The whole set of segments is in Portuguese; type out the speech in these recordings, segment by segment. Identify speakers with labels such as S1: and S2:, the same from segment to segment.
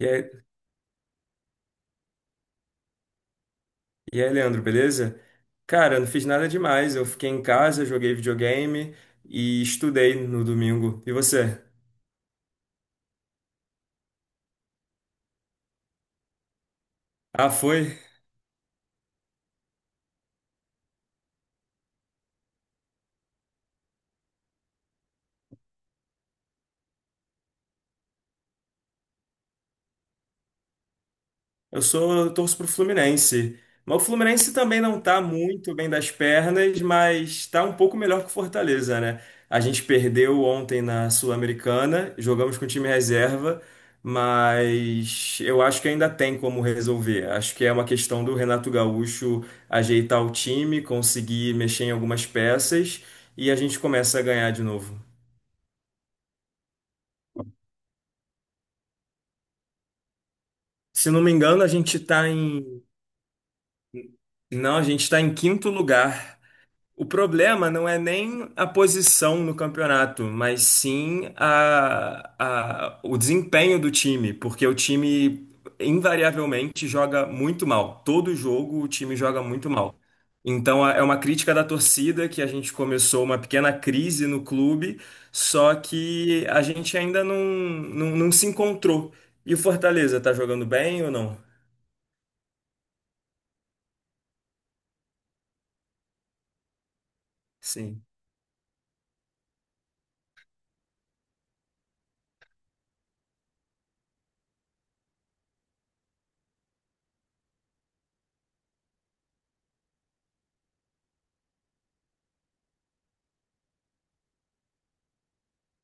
S1: E aí, e aí, Leandro, beleza? Cara, eu não fiz nada demais. Eu fiquei em casa, joguei videogame e estudei no domingo. E você? Ah, foi? Eu torço pro Fluminense. Mas o Fluminense também não tá muito bem das pernas, mas tá um pouco melhor que o Fortaleza, né? A gente perdeu ontem na Sul-Americana, jogamos com o time reserva, mas eu acho que ainda tem como resolver. Acho que é uma questão do Renato Gaúcho ajeitar o time, conseguir mexer em algumas peças e a gente começa a ganhar de novo. Se não me engano, a gente tá em. Não, a gente tá em quinto lugar. O problema não é nem a posição no campeonato, mas sim o desempenho do time, porque o time invariavelmente joga muito mal. Todo jogo o time joga muito mal. É uma crítica da torcida que a gente começou uma pequena crise no clube, só que a gente ainda não se encontrou. E o Fortaleza, tá jogando bem ou não? Sim.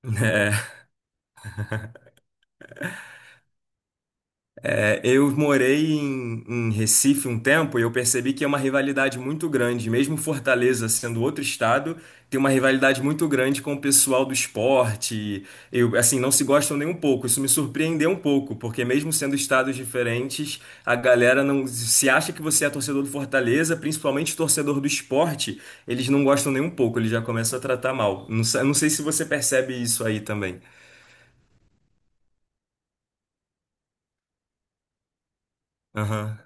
S1: É, eu morei em Recife um tempo e eu percebi que é uma rivalidade muito grande. Mesmo Fortaleza sendo outro estado, tem uma rivalidade muito grande com o pessoal do esporte. Eu, assim, não se gostam nem um pouco. Isso me surpreendeu um pouco, porque mesmo sendo estados diferentes, a galera não se acha que você é torcedor do Fortaleza, principalmente torcedor do esporte, eles não gostam nem um pouco. Eles já começam a tratar mal. Não sei se você percebe isso aí também. Aham.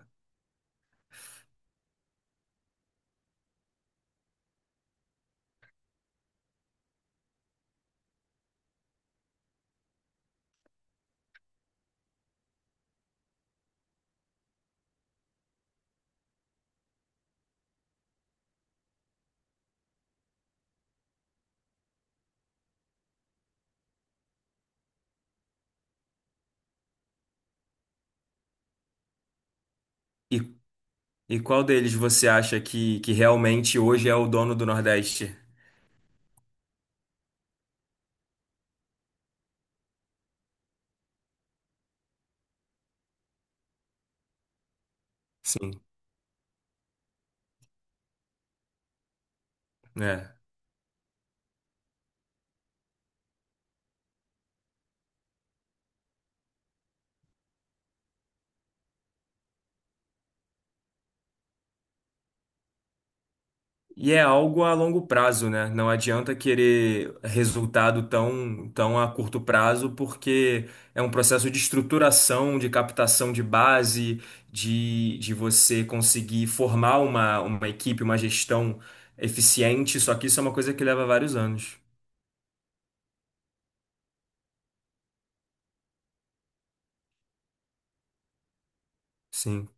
S1: E qual deles você acha que realmente hoje é o dono do Nordeste? Sim, né? E é algo a longo prazo, né? Não adianta querer resultado tão a curto prazo, porque é um processo de estruturação, de captação de base, de você conseguir formar uma equipe, uma gestão eficiente. Só que isso é uma coisa que leva vários anos. Sim,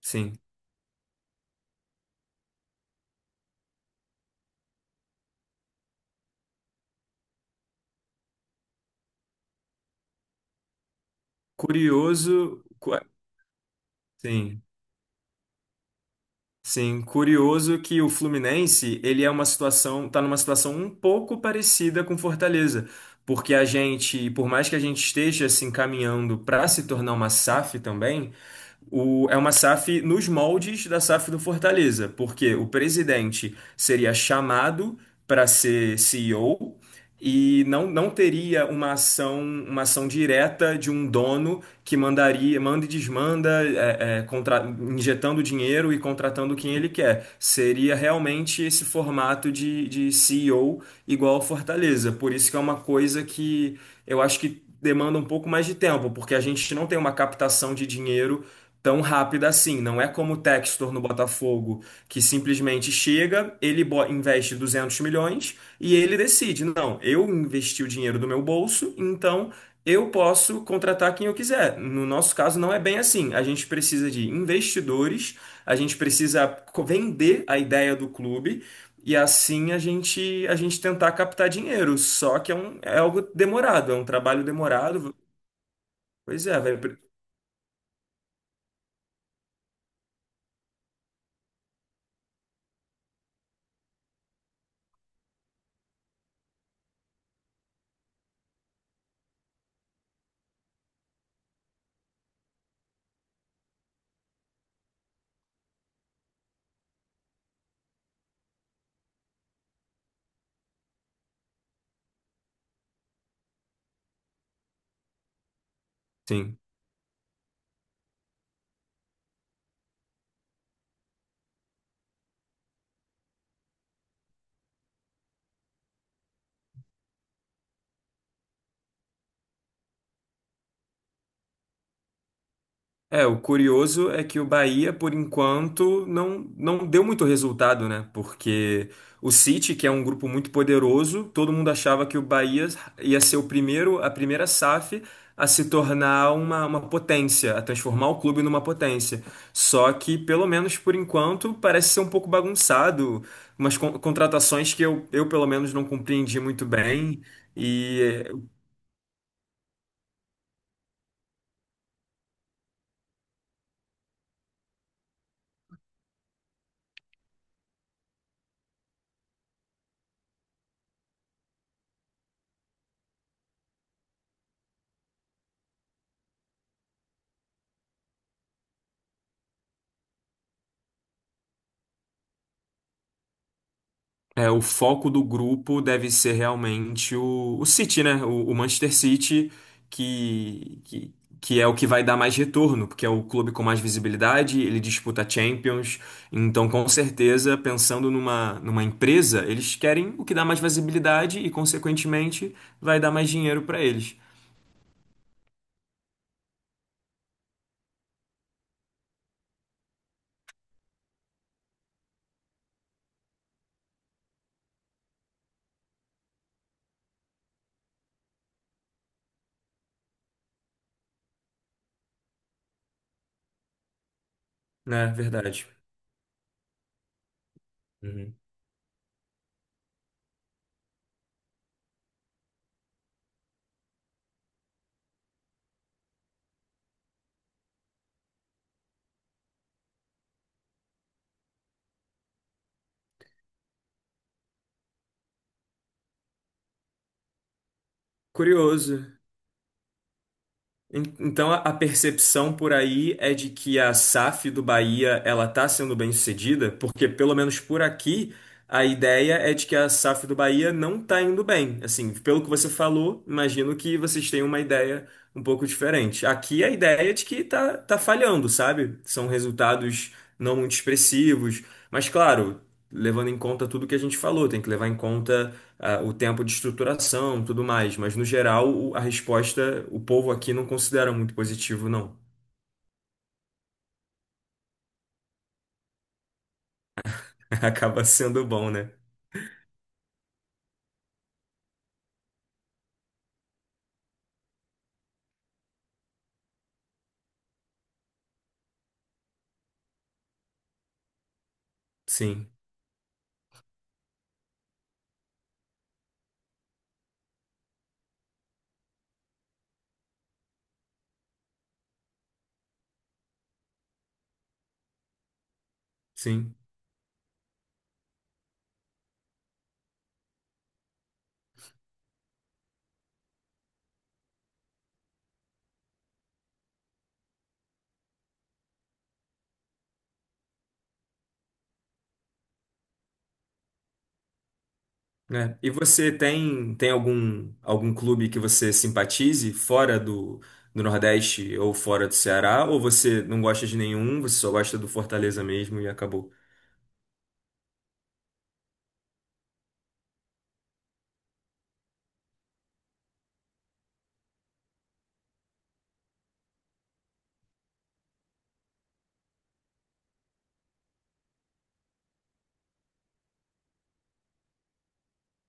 S1: sim. Curioso. Sim. Sim, curioso que o Fluminense, ele é uma situação, tá numa situação um pouco parecida com Fortaleza, porque a gente, por mais que a gente esteja se encaminhando para se tornar uma SAF também, é uma SAF nos moldes da SAF do Fortaleza, porque o presidente seria chamado para ser CEO e O e não teria uma ação direta de um dono que mandaria, manda e desmanda, injetando dinheiro e contratando quem ele quer. Seria realmente esse formato de CEO igual ao Fortaleza. Por isso que é uma coisa que eu acho que demanda um pouco mais de tempo, porque a gente não tem uma captação de dinheiro tão rápida assim. Não é como o Textor no Botafogo, que simplesmente chega, investe 200 milhões e ele decide: não, eu investi o dinheiro do meu bolso, então eu posso contratar quem eu quiser. No nosso caso, não é bem assim. A gente precisa de investidores, a gente vender a ideia do clube. E assim a gente tentar captar dinheiro, só que é algo demorado, é um trabalho demorado. Pois é, vai. Sim. É, o curioso é que o Bahia, por enquanto, não deu muito resultado, né? Porque o City, que é um grupo muito poderoso, todo mundo achava que o Bahia ia ser o primeiro, a primeira SAF a se tornar uma potência, a transformar o clube numa potência. Só que, pelo menos por enquanto, parece ser um pouco bagunçado, umas contratações que pelo menos, não compreendi muito bem. E é, o foco do grupo deve ser realmente o City, né? O Manchester City, que, que, que é o que vai dar mais retorno, porque é o clube com mais visibilidade, ele disputa Champions. Então, com certeza, pensando numa empresa, eles querem o que dá mais visibilidade e, consequentemente, vai dar mais dinheiro para eles. É, verdade. Uhum. Curioso. Então a percepção por aí é de que a SAF do Bahia ela está sendo bem sucedida, porque pelo menos por aqui a ideia é de que a SAF do Bahia não está indo bem. Assim, pelo que você falou, imagino que vocês tenham uma ideia um pouco diferente. Aqui a ideia é de que tá, tá falhando, sabe? São resultados não muito expressivos, mas claro, levando em conta tudo que a gente falou, tem que levar em conta o tempo de estruturação, tudo mais. Mas, no geral, a resposta, o povo aqui não considera muito positivo, não. Acaba sendo bom, né? Sim, sim. Né? E você tem, tem algum, algum clube que você simpatize fora do, do Nordeste ou fora do Ceará? Ou você não gosta de nenhum, você só gosta do Fortaleza mesmo e acabou?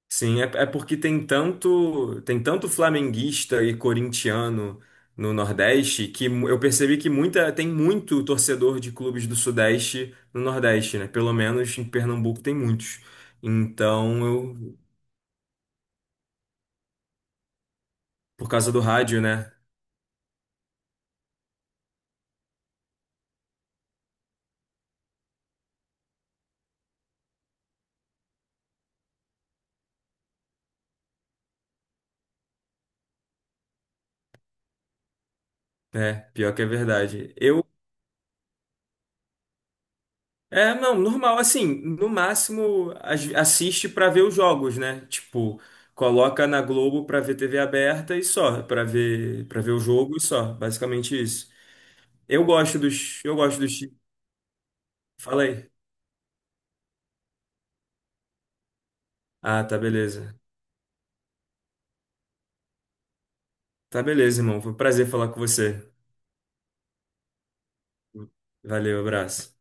S1: Sim, é, é porque tem tanto flamenguista e corintiano no Nordeste que eu percebi que muita, tem muito torcedor de clubes do Sudeste no Nordeste, né? Pelo menos em Pernambuco tem muitos. Então, eu, por causa do rádio, né? É, pior que é verdade. Eu, é, não, normal, assim, no máximo assiste pra ver os jogos, né? Tipo, coloca na Globo pra ver TV aberta e só, pra ver, para ver o jogo e só, basicamente isso. Eu gosto dos. Fala aí. Ah, tá, beleza. Tá, beleza, irmão. Foi um prazer falar com você. Valeu, abraço.